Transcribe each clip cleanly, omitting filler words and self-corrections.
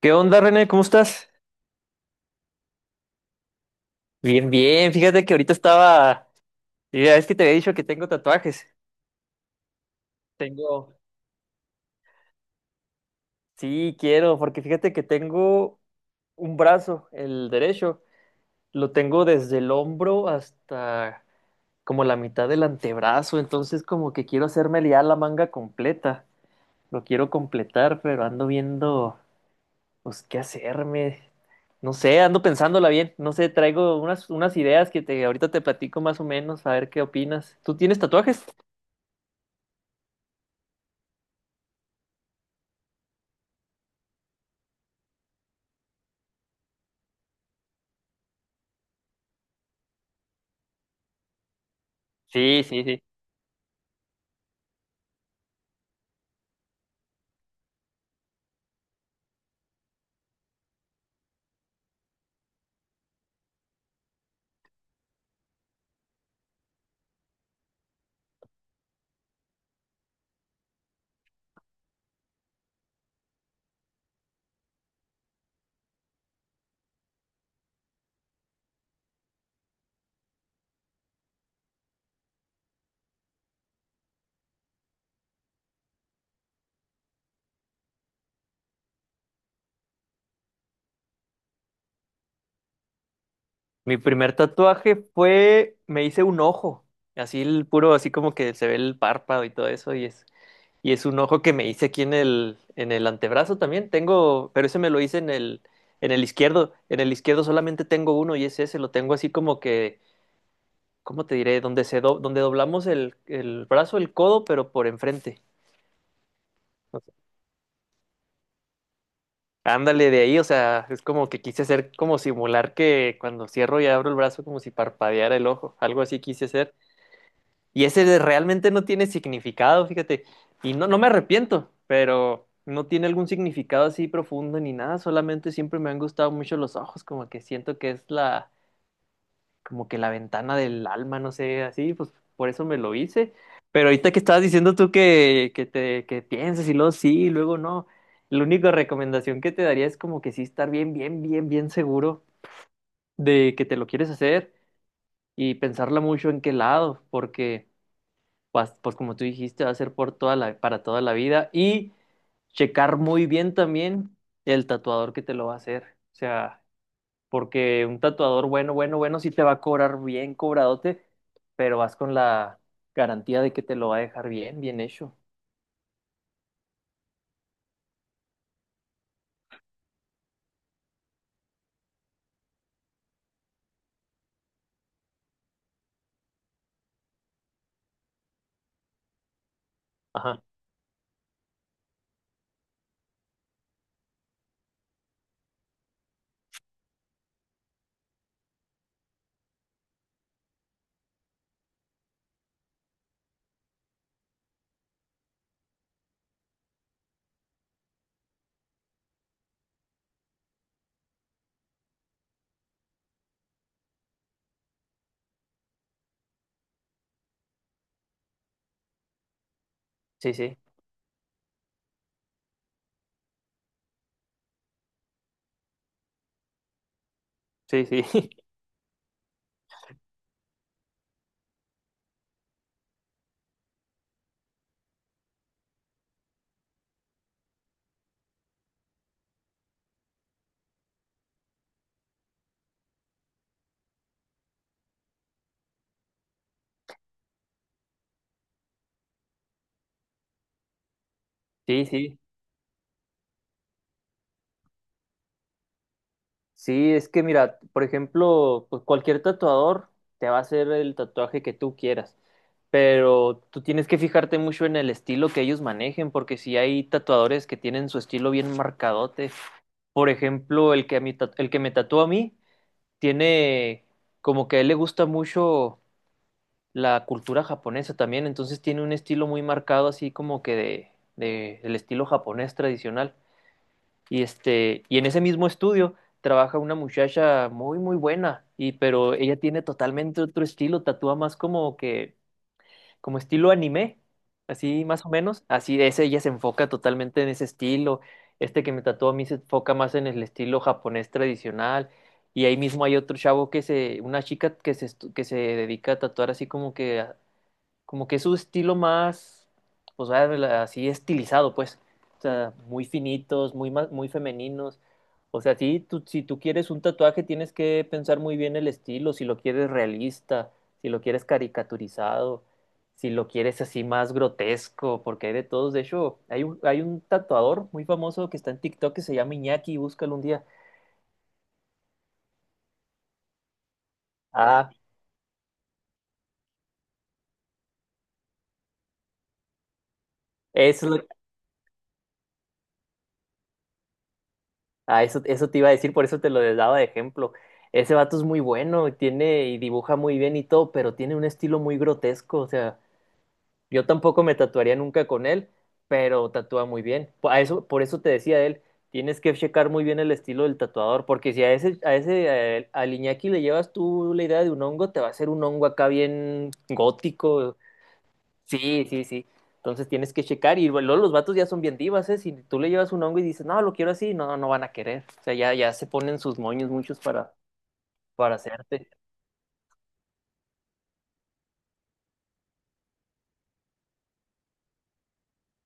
¿Qué onda, René? ¿Cómo estás? Bien, bien. Fíjate que ahorita estaba. Ya es que te había dicho que tengo tatuajes. Tengo. Sí, quiero, porque fíjate que tengo un brazo, el derecho. Lo tengo desde el hombro hasta como la mitad del antebrazo. Entonces, como que quiero hacerme ya la manga completa. Lo quiero completar, pero ando viendo, pues, qué hacerme. No sé, ando pensándola bien. No sé, traigo unas ideas que te, ahorita te platico más o menos, a ver qué opinas. ¿Tú tienes tatuajes? Sí, sí, sí. Mi primer tatuaje fue, me hice un ojo, así el puro, así como que se ve el párpado y todo eso, y es un ojo que me hice aquí en el antebrazo también. Tengo, pero ese me lo hice en el izquierdo. En el izquierdo solamente tengo uno y es ese, lo tengo así como que, ¿cómo te diré? Donde donde doblamos el brazo, el codo, pero por enfrente. O sea, ándale de ahí, o sea, es como que quise hacer como simular que cuando cierro y abro el brazo como si parpadeara el ojo, algo así quise hacer. Y realmente no tiene significado, fíjate. Y no, no me arrepiento, pero no tiene algún significado así profundo ni nada. Solamente siempre me han gustado mucho los ojos, como que siento que es la, como que la ventana del alma, no sé, así, pues por eso me lo hice. Pero ahorita que estabas diciendo tú que que pienses y luego sí, y luego no. La única recomendación que te daría es como que sí estar bien seguro de que te lo quieres hacer y pensarla mucho en qué lado, porque pues como tú dijiste, va a ser por toda la, para toda la vida y checar muy bien también el tatuador que te lo va a hacer. O sea, porque un tatuador bueno, sí te va a cobrar bien cobradote, pero vas con la garantía de que te lo va a dejar bien, bien hecho. Ajá. Sí, sí, sí, sí, sí, sí. Sí, es que mira, por ejemplo, pues cualquier tatuador te va a hacer el tatuaje que tú quieras, pero tú tienes que fijarte mucho en el estilo que ellos manejen, porque si hay tatuadores que tienen su estilo bien marcadote, por ejemplo, el que me tatúa a mí tiene como que a él le gusta mucho la cultura japonesa también, entonces tiene un estilo muy marcado así como que de el estilo japonés tradicional. Y, este, y en ese mismo estudio trabaja una muchacha muy buena, y, pero ella tiene totalmente otro estilo, tatúa más como que, como estilo anime, así más o menos. Así es, ella se enfoca totalmente en ese estilo. Este que me tatúa a mí se enfoca más en el estilo japonés tradicional. Y ahí mismo hay otro chavo que se, una chica que se, que se dedica a tatuar así como que es su estilo más, pues vaya, así estilizado, pues. O sea, muy finitos, muy femeninos. O sea, sí, tú- si tú quieres un tatuaje, tienes que pensar muy bien el estilo, si lo quieres realista, si lo quieres caricaturizado, si lo quieres así más grotesco, porque hay de todos. De hecho, hay un tatuador muy famoso que está en TikTok que se llama Iñaki, búscalo un día. Ah, eso es lo. Ah, eso te iba a decir, por eso te lo daba de ejemplo. Ese vato es muy bueno, tiene y dibuja muy bien y todo, pero tiene un estilo muy grotesco. O sea, yo tampoco me tatuaría nunca con él, pero tatúa muy bien. Por eso te decía él, tienes que checar muy bien el estilo del tatuador, porque si a él- al Iñaki le llevas tú la idea de un hongo, te va a hacer un hongo acá bien gótico. Sí, sí, sí. Entonces tienes que checar y luego los vatos ya son bien divas, ¿eh? Si tú le llevas un hongo y dices, no, lo quiero así, no, no van a querer. O sea, ya, ya se ponen sus moños muchos para hacerte.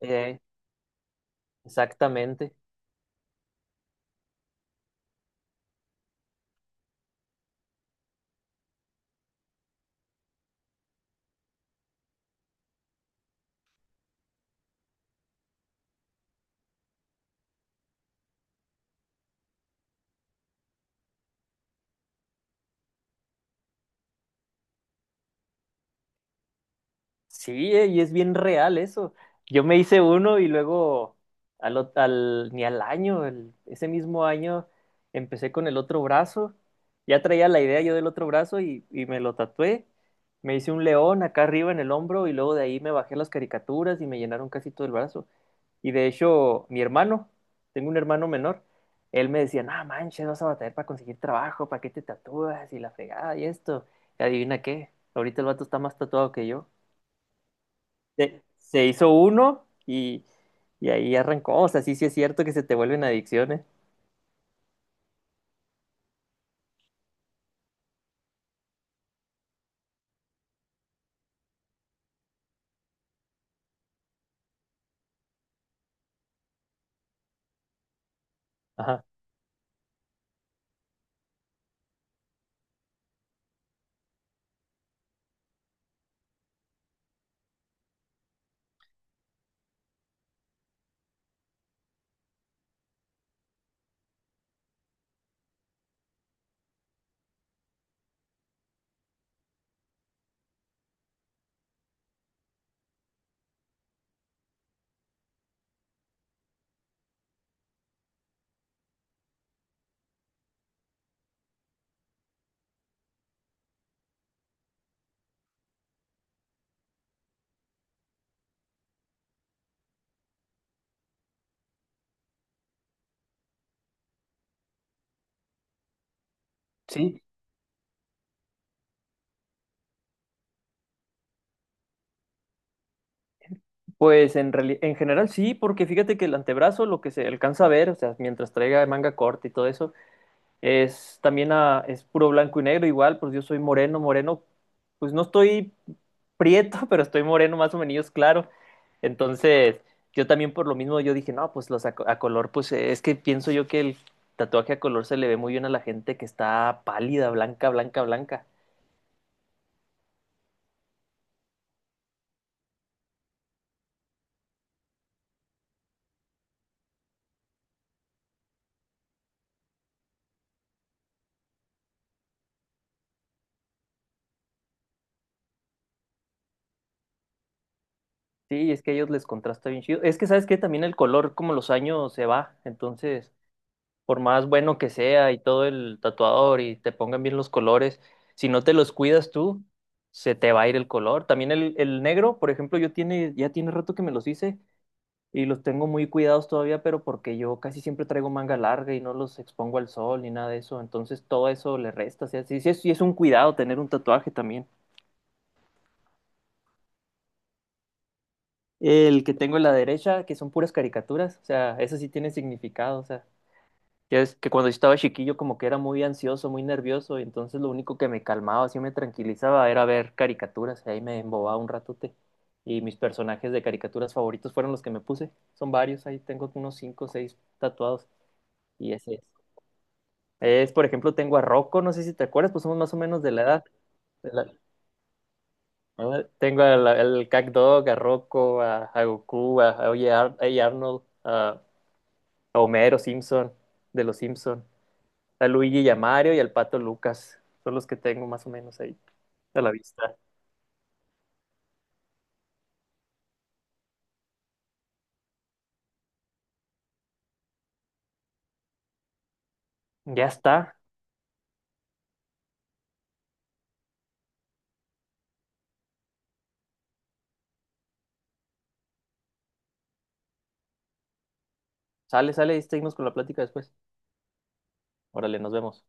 Eh, exactamente. Sí, y es bien real eso. Yo me hice uno y luego ni al año, ese mismo año empecé con el otro brazo. Ya traía la idea yo del otro brazo y me lo tatué. Me hice un león acá arriba en el hombro y luego de ahí me bajé las caricaturas y me llenaron casi todo el brazo. Y de hecho, mi hermano, tengo un hermano menor, él me decía, no manches, vas a batallar para conseguir trabajo, para qué te tatúas y la fregada y esto. Y adivina qué, ahorita el vato está más tatuado que yo. Se hizo uno y ahí arrancó. O sea, sí, sí es cierto que se te vuelven adicciones. Ajá. Sí, pues en, en general sí, porque fíjate que el antebrazo, lo que se alcanza a ver, o sea, mientras traiga manga corta y todo eso, es también es puro blanco y negro igual, pues yo soy moreno, moreno, pues no estoy prieto, pero estoy moreno más o menos claro. Entonces, yo también por lo mismo yo dije, no, pues a color, pues es que pienso yo que el tatuaje a color se le ve muy bien a la gente que está pálida, blanca, blanca, blanca. Sí, es que a ellos les contrasta bien chido. Es que sabes que también el color, como los años se va, entonces por más bueno que sea y todo el tatuador y te pongan bien los colores, si no te los cuidas tú, se te va a ir el color. También el negro, por ejemplo, ya tiene rato que me los hice y los tengo muy cuidados todavía, pero porque yo casi siempre traigo manga larga y no los expongo al sol ni nada de eso, entonces todo eso le resta. O sea, sí es un cuidado tener un tatuaje también. El que tengo en la derecha, que son puras caricaturas, o sea, eso sí tiene significado, o sea. Ya es que cuando estaba chiquillo como que era muy ansioso, muy nervioso, y entonces lo único que me calmaba, así me tranquilizaba, era ver caricaturas, y ahí me embobaba un ratote. Y mis personajes de caricaturas favoritos fueron los que me puse. Son varios, ahí tengo unos cinco o seis tatuados. Y ese es. Es, por ejemplo, tengo a Rocco, no sé si te acuerdas, pues somos más o menos de la edad. De la-, ¿no? Tengo al CatDog, a Rocco, a Goku, a Oye a Arnold, a Homero Simpson, de los Simpson. A Luigi y a Mario y al Pato Lucas. Son los que tengo más o menos ahí a la vista. Ya está. Sale, sale y seguimos con la plática después. Órale, nos vemos.